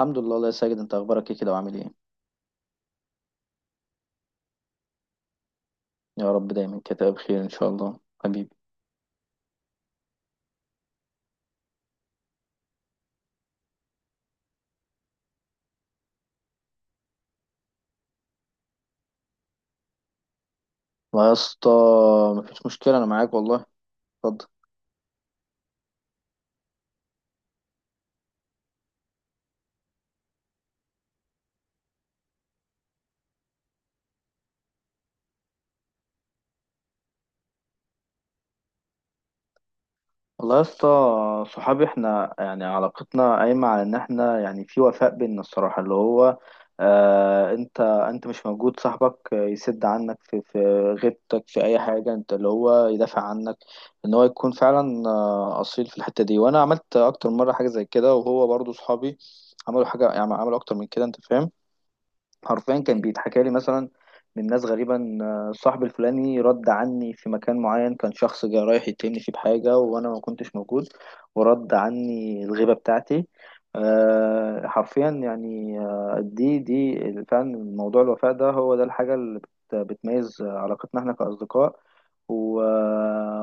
الحمد لله، الله يا ساجد، انت اخبارك ايه كده وعامل ايه؟ يا رب دايما كده بخير ان شاء الله حبيبي. والله يا اسطى مفيش مشكله، انا معاك والله. اتفضل. والله يا اسطى، صحابي احنا يعني علاقتنا قايمه على ان احنا يعني في وفاء بينا، الصراحه اللي هو انت مش موجود، صاحبك يسد عنك في غيبتك في اي حاجه، انت اللي هو يدافع عنك، ان هو يكون فعلا اصيل في الحته دي. وانا عملت اكتر مره حاجه زي كده، وهو برضو صحابي عملوا حاجه، يعني عملوا اكتر من كده، انت فاهم. حرفيا كان بيتحكى لي مثلا من ناس غريبا صاحبي الفلاني رد عني في مكان معين، كان شخص جاي رايح يتهمني فيه بحاجة وأنا ما كنتش موجود، ورد عني الغيبة بتاعتي. حرفيا يعني دي فعلا موضوع الوفاء ده، هو ده الحاجة اللي بتميز علاقتنا احنا كأصدقاء. و...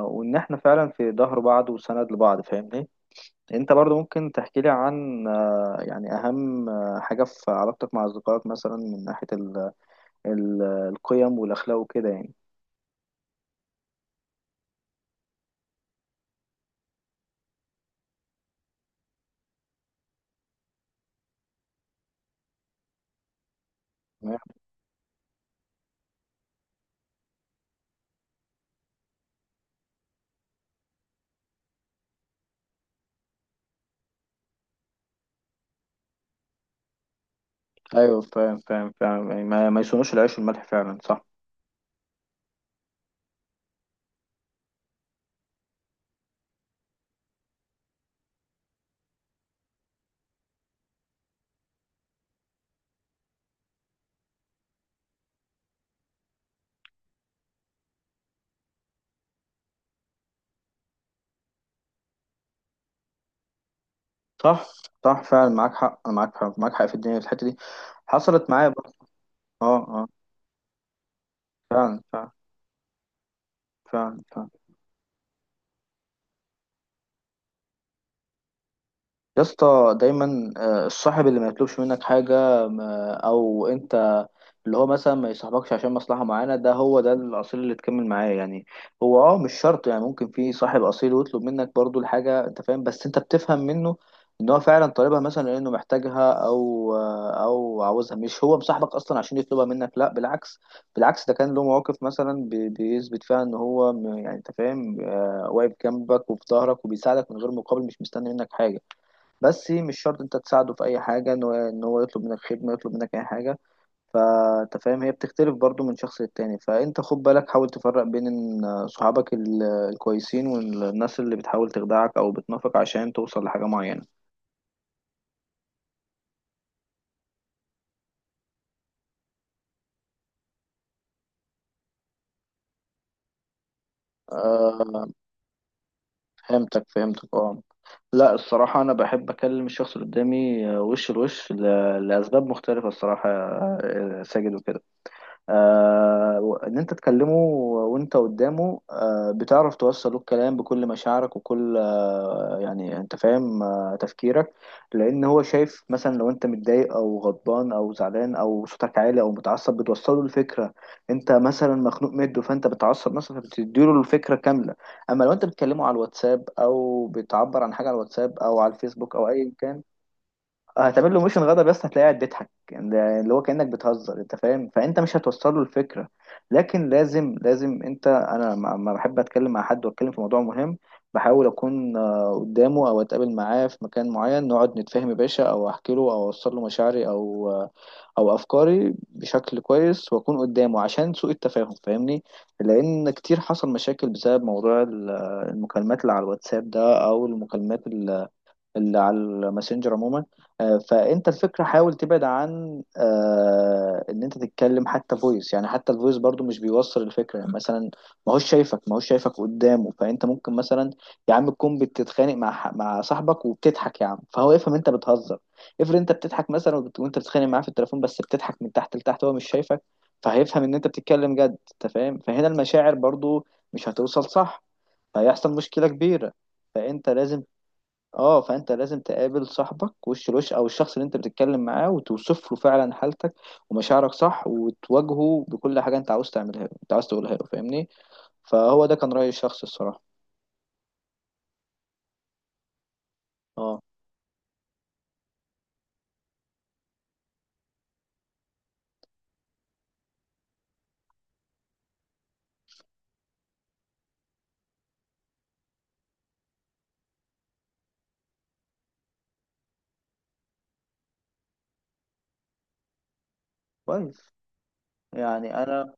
وإن احنا فعلا في ظهر بعض وسند لبعض، فاهمني. انت برضو ممكن تحكي لي عن يعني اهم حاجة في علاقتك مع اصدقائك مثلا من ناحية ال القيم والاخلاق وكده يعني. تمام. ايوه، فاهم فاهم فاهم، يعني ما يصونوش العيش والملح، فعلا صح. صح صح، فعلا معاك حق معاك حق معاك حق في الدنيا في الحتة دي. حصلت معايا برضه. اه اه. فعلا فعلا. فعلا فعلا. يا اسطى دايما الصاحب اللي ما يطلبش منك حاجة، او انت اللي هو مثلا ما يصاحبكش عشان مصلحة معانا، ده هو ده الأصيل اللي تكمل معاه يعني. هو مش شرط، يعني ممكن في صاحب أصيل ويطلب منك برضو الحاجة، انت فاهم، بس انت بتفهم منه ان هو فعلا طالبها مثلا لانه محتاجها او او عاوزها، مش هو مصاحبك اصلا عشان يطلبها منك، لا بالعكس بالعكس. ده كان له مواقف مثلا بيثبت فيها ان هو يعني انت فاهم، واقف جنبك وفي ظهرك وبيساعدك من غير مقابل، مش مستني منك حاجة. بس إيه، مش شرط انت تساعده في اي حاجه ان هو يطلب منك خدمه، يطلب منك اي حاجه، فانت فاهم هي بتختلف برضو من شخص للتاني. فانت خد بالك، حاول تفرق بين ان صحابك الكويسين، والناس اللي بتحاول تخدعك او بتنافق عشان توصل لحاجه معينه. آه، فهمتك فهمتك، اه. لا الصراحه انا بحب اكلم الشخص اللي قدامي وش لوش لاسباب مختلفه الصراحه، ساجد وكده، ان انت تكلمه وانت قدامه بتعرف توصل له الكلام بكل مشاعرك وكل يعني انت فاهم تفكيرك. لان هو شايف مثلا لو انت متضايق او غضبان او زعلان او صوتك عالي او متعصب، بتوصل له الفكره انت مثلا مخنوق مده، فانت بتعصب مثلا فبتديله الفكره كامله. اما لو انت بتكلمه على الواتساب او بتعبر عن حاجه على الواتساب او على الفيسبوك او ايا كان، هتعمل له ميشن غضب بس هتلاقيه قاعد بيضحك، يعني ده اللي هو كأنك بتهزر انت فاهم، فانت مش هتوصل له الفكره. لكن لازم انا لما بحب اتكلم مع حد واتكلم في موضوع مهم، بحاول اكون قدامه او اتقابل معاه في مكان معين نقعد نتفاهم يا باشا، او احكي له او اوصل له مشاعري او او افكاري بشكل كويس، واكون قدامه عشان سوء التفاهم، فاهمني. لان كتير حصل مشاكل بسبب موضوع المكالمات اللي على الواتساب ده، او المكالمات اللي على الماسنجر عموما. فانت الفكره حاول تبعد عن ان انت تتكلم حتى فويس، يعني حتى الفويس برضو مش بيوصل الفكره، يعني مثلا ما هوش شايفك قدامه. فانت ممكن مثلا يا عم تكون بتتخانق مع مع صاحبك وبتضحك يا عم، فهو يفهم انت بتهزر. افرض انت بتضحك مثلا وانت بتتخانق معاه في التليفون بس بتضحك من تحت لتحت، هو مش شايفك فهيفهم ان انت بتتكلم جد، انت فاهم، فهنا المشاعر برضو مش هتوصل، صح؟ فهيحصل مشكله كبيره. فانت لازم اه فانت لازم تقابل صاحبك وش لوش، او الشخص اللي انت بتتكلم معاه، وتوصف له فعلا حالتك ومشاعرك، صح، وتواجهه بكل حاجه انت عاوز تعملها له، انت عاوز تقولها له، فاهمني. فهو ده كان راي الشخص الصراحه. اه كويس، يعني انا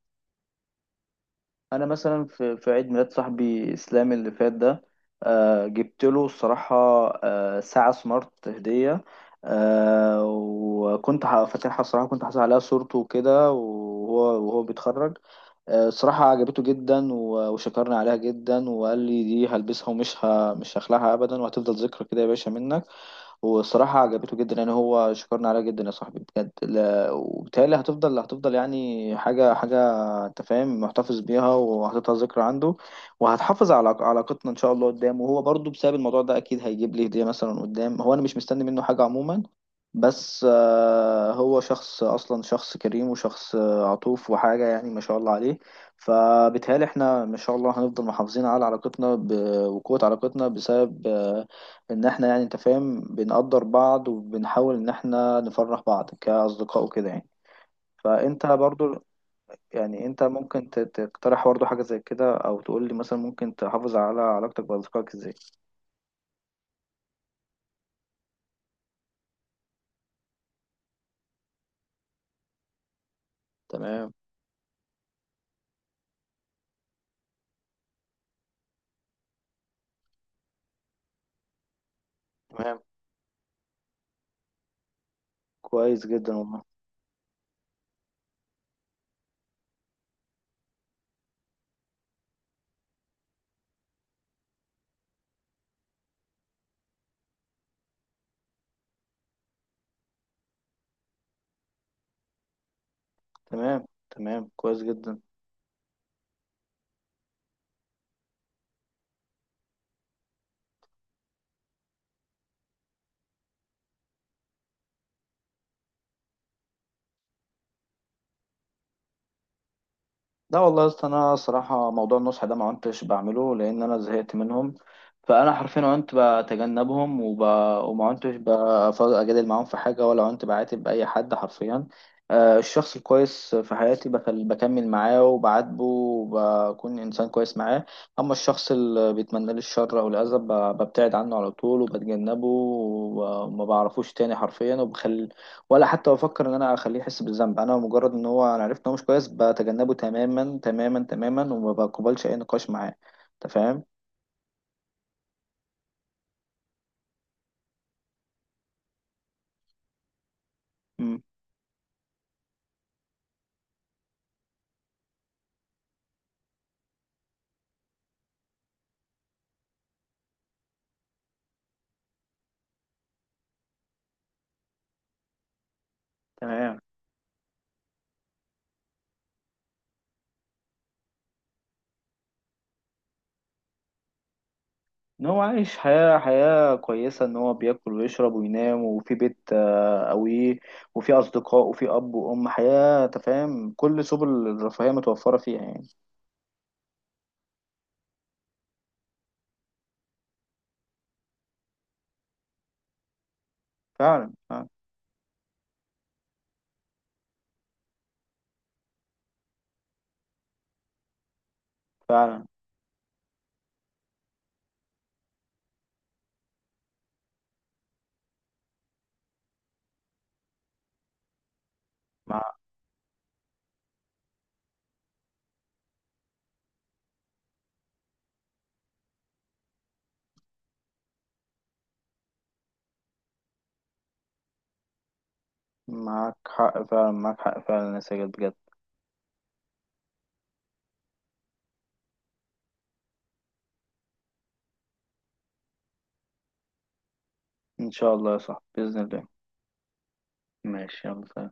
انا مثلا في عيد ميلاد صاحبي اسلام اللي فات ده، جبت له الصراحه ساعه سمارت هديه. وكنت فاتحها، الصراحه كنت حاطط عليها صورته وكده، وهو بيتخرج. الصراحة عجبته جدا وشكرني عليها جدا، وقال لي دي هلبسها ومش ه... مش هخلعها أبدا، وهتفضل ذكرى كده يا باشا منك. والصراحة عجبته جدا، يعني هو شكرني عليها جدا يا صاحبي بجد. لا... وبالتالي هتفضل يعني حاجة أنت فاهم، محتفظ بيها وهتفضل ذكرى عنده. وهتحافظ على علاقتنا إن شاء الله قدام، وهو برضو بسبب الموضوع ده أكيد هيجيب لي هدية مثلا قدام، هو أنا مش مستني منه حاجة عموما، بس هو شخص اصلا، شخص كريم، وشخص عطوف وحاجه يعني ما شاء الله عليه. فبالتهيألي احنا ما شاء الله هنفضل محافظين على علاقتنا وقوه علاقتنا بسبب ان احنا يعني انت فاهم بنقدر بعض وبنحاول ان احنا نفرح بعض كاصدقاء وكده يعني. فانت برضو يعني انت ممكن تقترح برضو حاجه زي كده، او تقول لي مثلا ممكن تحافظ على علاقتك باصدقائك ازاي. تمام تمام، كويس جدا والله. تمام تمام، كويس جدا. لا والله يا اسطى، انا صراحه موضوع النصح ده ما عدتش بعمله لان انا زهقت منهم. فانا حرفيا عنت بتجنبهم وما عدتش اجادل معاهم في حاجه، ولا عنت بعاتب اي حد حرفيا. الشخص الكويس في حياتي بكمل معاه وبعاتبه وبكون انسان كويس معاه. اما الشخص اللي بيتمنى لي الشر او الاذى ببتعد عنه على طول وبتجنبه، وما بعرفوش تاني حرفيا، وبخلي، ولا حتى بفكر ان انا اخليه يحس بالذنب. انا مجرد ان هو انا عرفت ان هو مش كويس بتجنبه تماما تماما تماما، وما بقبلش اي نقاش معاه، انت فاهم. امم، تمام. ان هو عايش حياة كويسة، ان هو بياكل ويشرب وينام، وفي بيت قوي، وفي اصدقاء وفي اب وام، حياة انت فاهم، كل سبل الرفاهية متوفرة فيها يعني. فعلا فعلا. فعلا مع- معاك حق، فعلا معاك حق فعلا يا ساجد بجد. ان شاء الله يا صاحبي باذن الله. ماشي، يلا سلام.